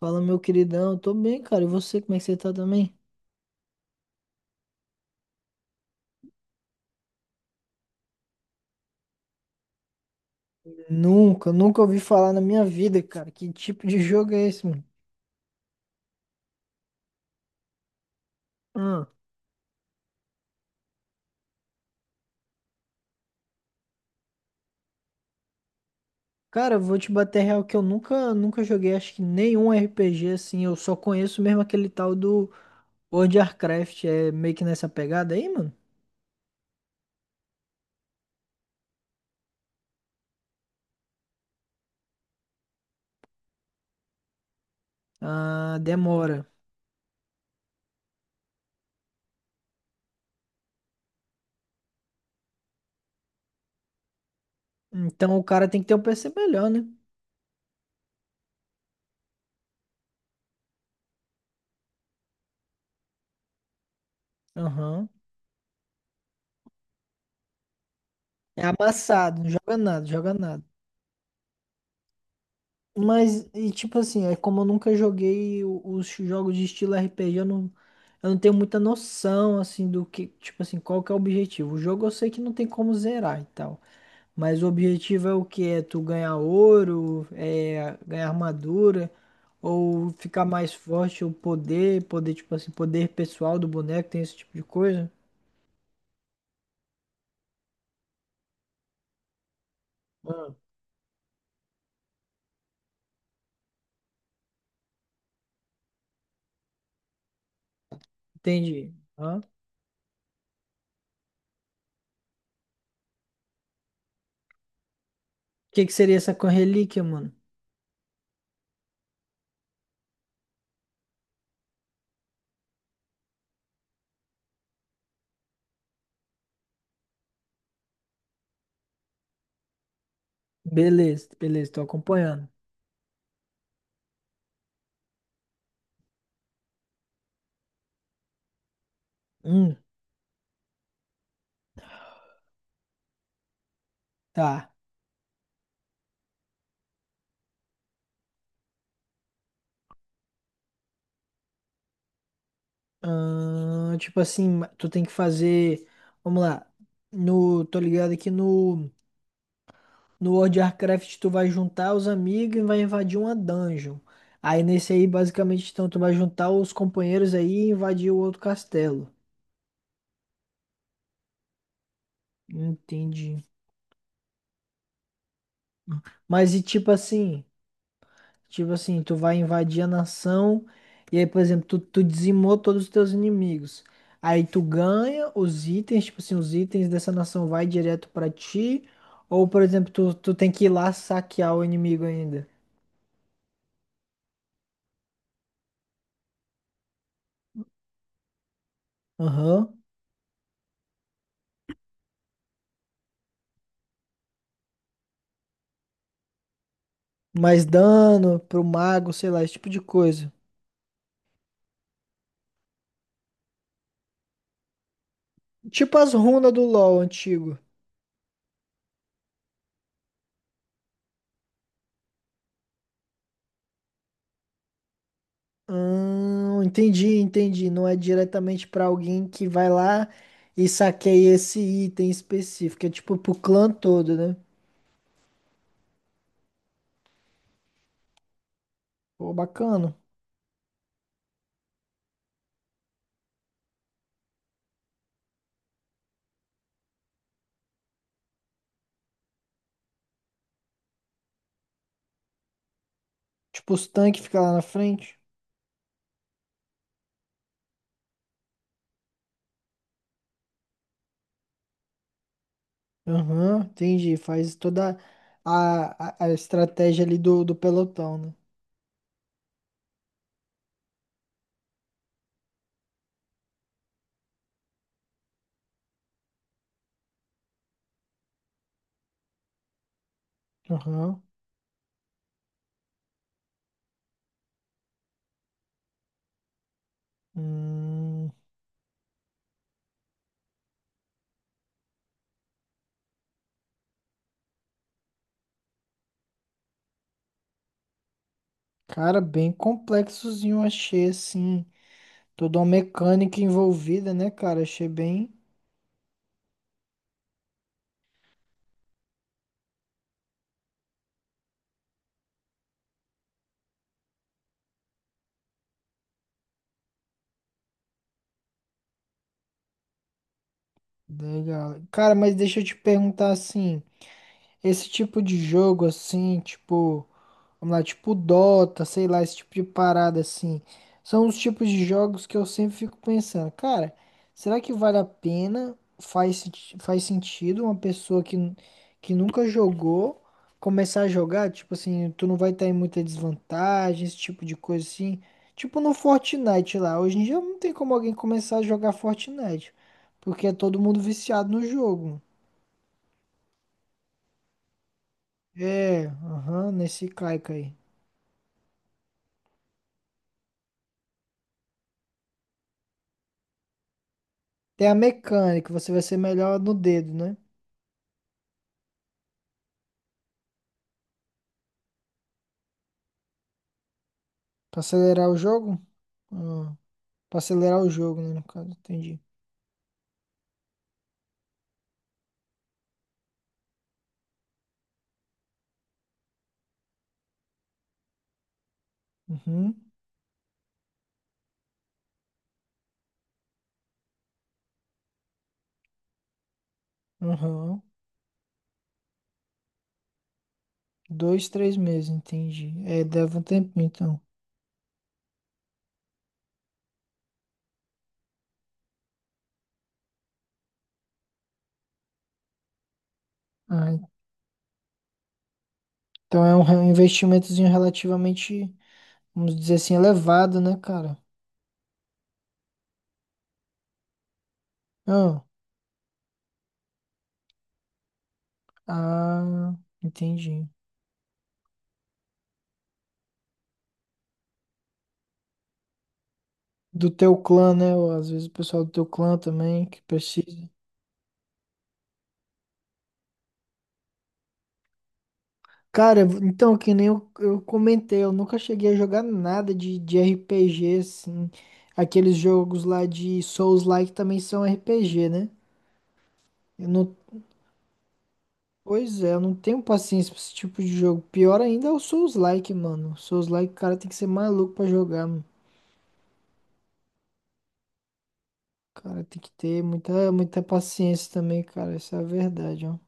Fala, meu queridão, eu tô bem, cara. E você, como é que você tá também? Nunca ouvi falar na minha vida, cara. Que tipo de jogo é esse, mano? Ah, cara, eu vou te bater real que eu nunca joguei, acho que nenhum RPG assim. Eu só conheço mesmo aquele tal do World of Warcraft. É meio que nessa pegada aí, mano? Ah, demora. Então o cara tem que ter um PC melhor, né? Aham. É amassado, não joga nada, joga nada. Mas, e tipo assim, é como eu nunca joguei os jogos de estilo RPG, eu não tenho muita noção, assim, do que, tipo assim, qual que é o objetivo. O jogo eu sei que não tem como zerar e tal, mas o objetivo é o que? É tu ganhar ouro, é ganhar armadura, ou ficar mais forte, ou poder, tipo assim, poder pessoal do boneco, tem esse tipo de coisa? Ah, entendi. O que que seria essa relíquia, mano? Beleza, beleza, tô acompanhando. Hum, tá. Ah, tipo assim, tu tem que fazer. Vamos lá. No, tô ligado aqui no World of Warcraft, tu vai juntar os amigos e vai invadir uma dungeon. Aí nesse aí, basicamente, então, tu vai juntar os companheiros aí e invadir o outro castelo. Entendi. Mas e tipo assim. Tipo assim, tu vai invadir a nação e aí, por exemplo, tu dizimou todos os teus inimigos. Aí tu ganha os itens, tipo assim, os itens dessa nação vai direto pra ti. Ou, por exemplo, tu tem que ir lá saquear o inimigo ainda. Aham. Mais dano pro mago, sei lá, esse tipo de coisa. Tipo as runas do LoL antigo. Entendi, entendi. Não é diretamente pra alguém que vai lá e saqueia esse item específico. É tipo pro clã todo, né? Pô, bacana. Tipo, os tanques ficam lá na frente. Aham, entendi. Faz toda a estratégia ali do pelotão, né? Aham. Hum, cara, bem complexozinho, achei, assim. Toda uma mecânica envolvida, né, cara? Achei bem legal. Cara, mas deixa eu te perguntar assim. Esse tipo de jogo assim, tipo, vamos lá, tipo Dota, sei lá, esse tipo de parada assim, são os tipos de jogos que eu sempre fico pensando, cara, será que vale a pena? Faz, faz sentido uma pessoa que, que nunca jogou começar a jogar? Tipo assim, tu não vai estar em muita desvantagem, esse tipo de coisa assim. Tipo no Fortnite lá, hoje em dia não tem como alguém começar a jogar Fortnite, porque é todo mundo viciado no jogo. É, aham, nesse caico aí. Tem a mecânica, você vai ser melhor no dedo, né? Pra acelerar o jogo? Ah, pra acelerar o jogo, né, no caso, entendi. Uhum, aham. Dois, três meses, entendi. É, deve um tempinho, então. Ah, então é um um investimentozinho relativamente, vamos dizer assim, elevado, né, cara? Ah, ah, entendi. Do teu clã, né? Ou às vezes o pessoal do teu clã também, que precisa. Cara, então, que nem eu, eu comentei, eu nunca cheguei a jogar nada de RPG, assim. Aqueles jogos lá de Souls-like também são RPG, né? Eu não, pois é, eu não tenho paciência pra esse tipo de jogo. Pior ainda é o Souls-like, mano. Souls-like, o cara tem que ser maluco pra jogar, mano. O cara, tem que ter muita paciência também, cara. Isso é a verdade, ó.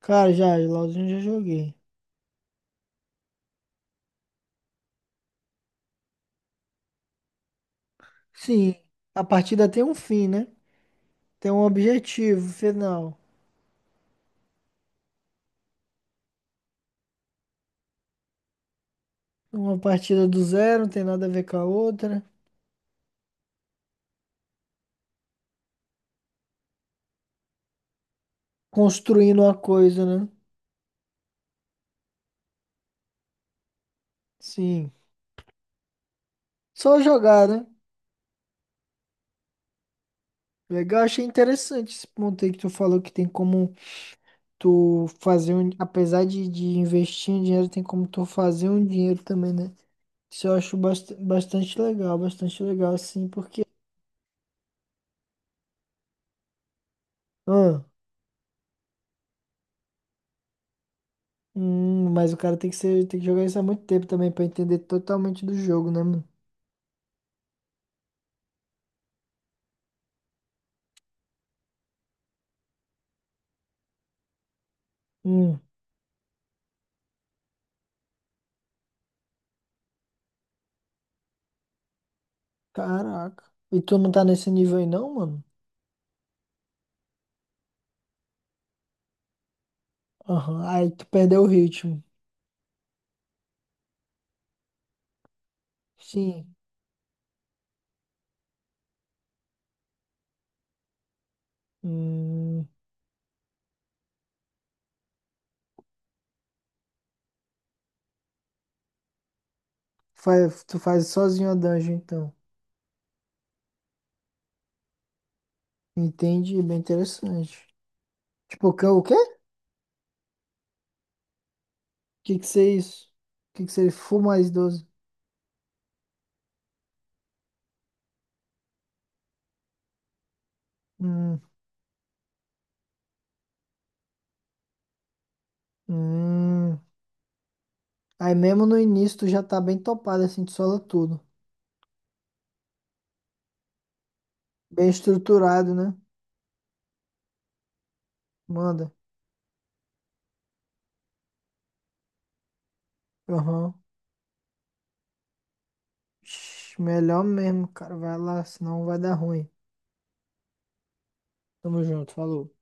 Cara, já, LOLzinho eu já joguei. Sim, a partida tem um fim, né? Tem um objetivo final. Uma partida do zero, não tem nada a ver com a outra. Construindo uma coisa, né? Sim. Só jogar, né? Legal, achei interessante esse ponto aí que tu falou que tem como tu fazer um. Apesar de investir em dinheiro, tem como tu fazer um dinheiro também, né? Isso eu acho bastante legal, assim, porque. Ah, mas o cara tem que ser, tem que jogar isso há muito tempo também pra entender totalmente do jogo, né, mano? Hum, caraca. E tu não tá nesse nível aí, não, mano? Aham, aí tu perdeu o ritmo. Sim. Hum, faz, tu faz sozinho a dungeon, então. Entendi, bem interessante. Tipo, o quê? O que que seria isso? O que que seria Full mais 12? Hum, hum. Aí mesmo no início tu já tá bem topado, assim, tu sola tudo. Bem estruturado, né? Manda. Aham. Ixi, melhor mesmo, cara. Vai lá, senão vai dar ruim. Tamo junto, falou.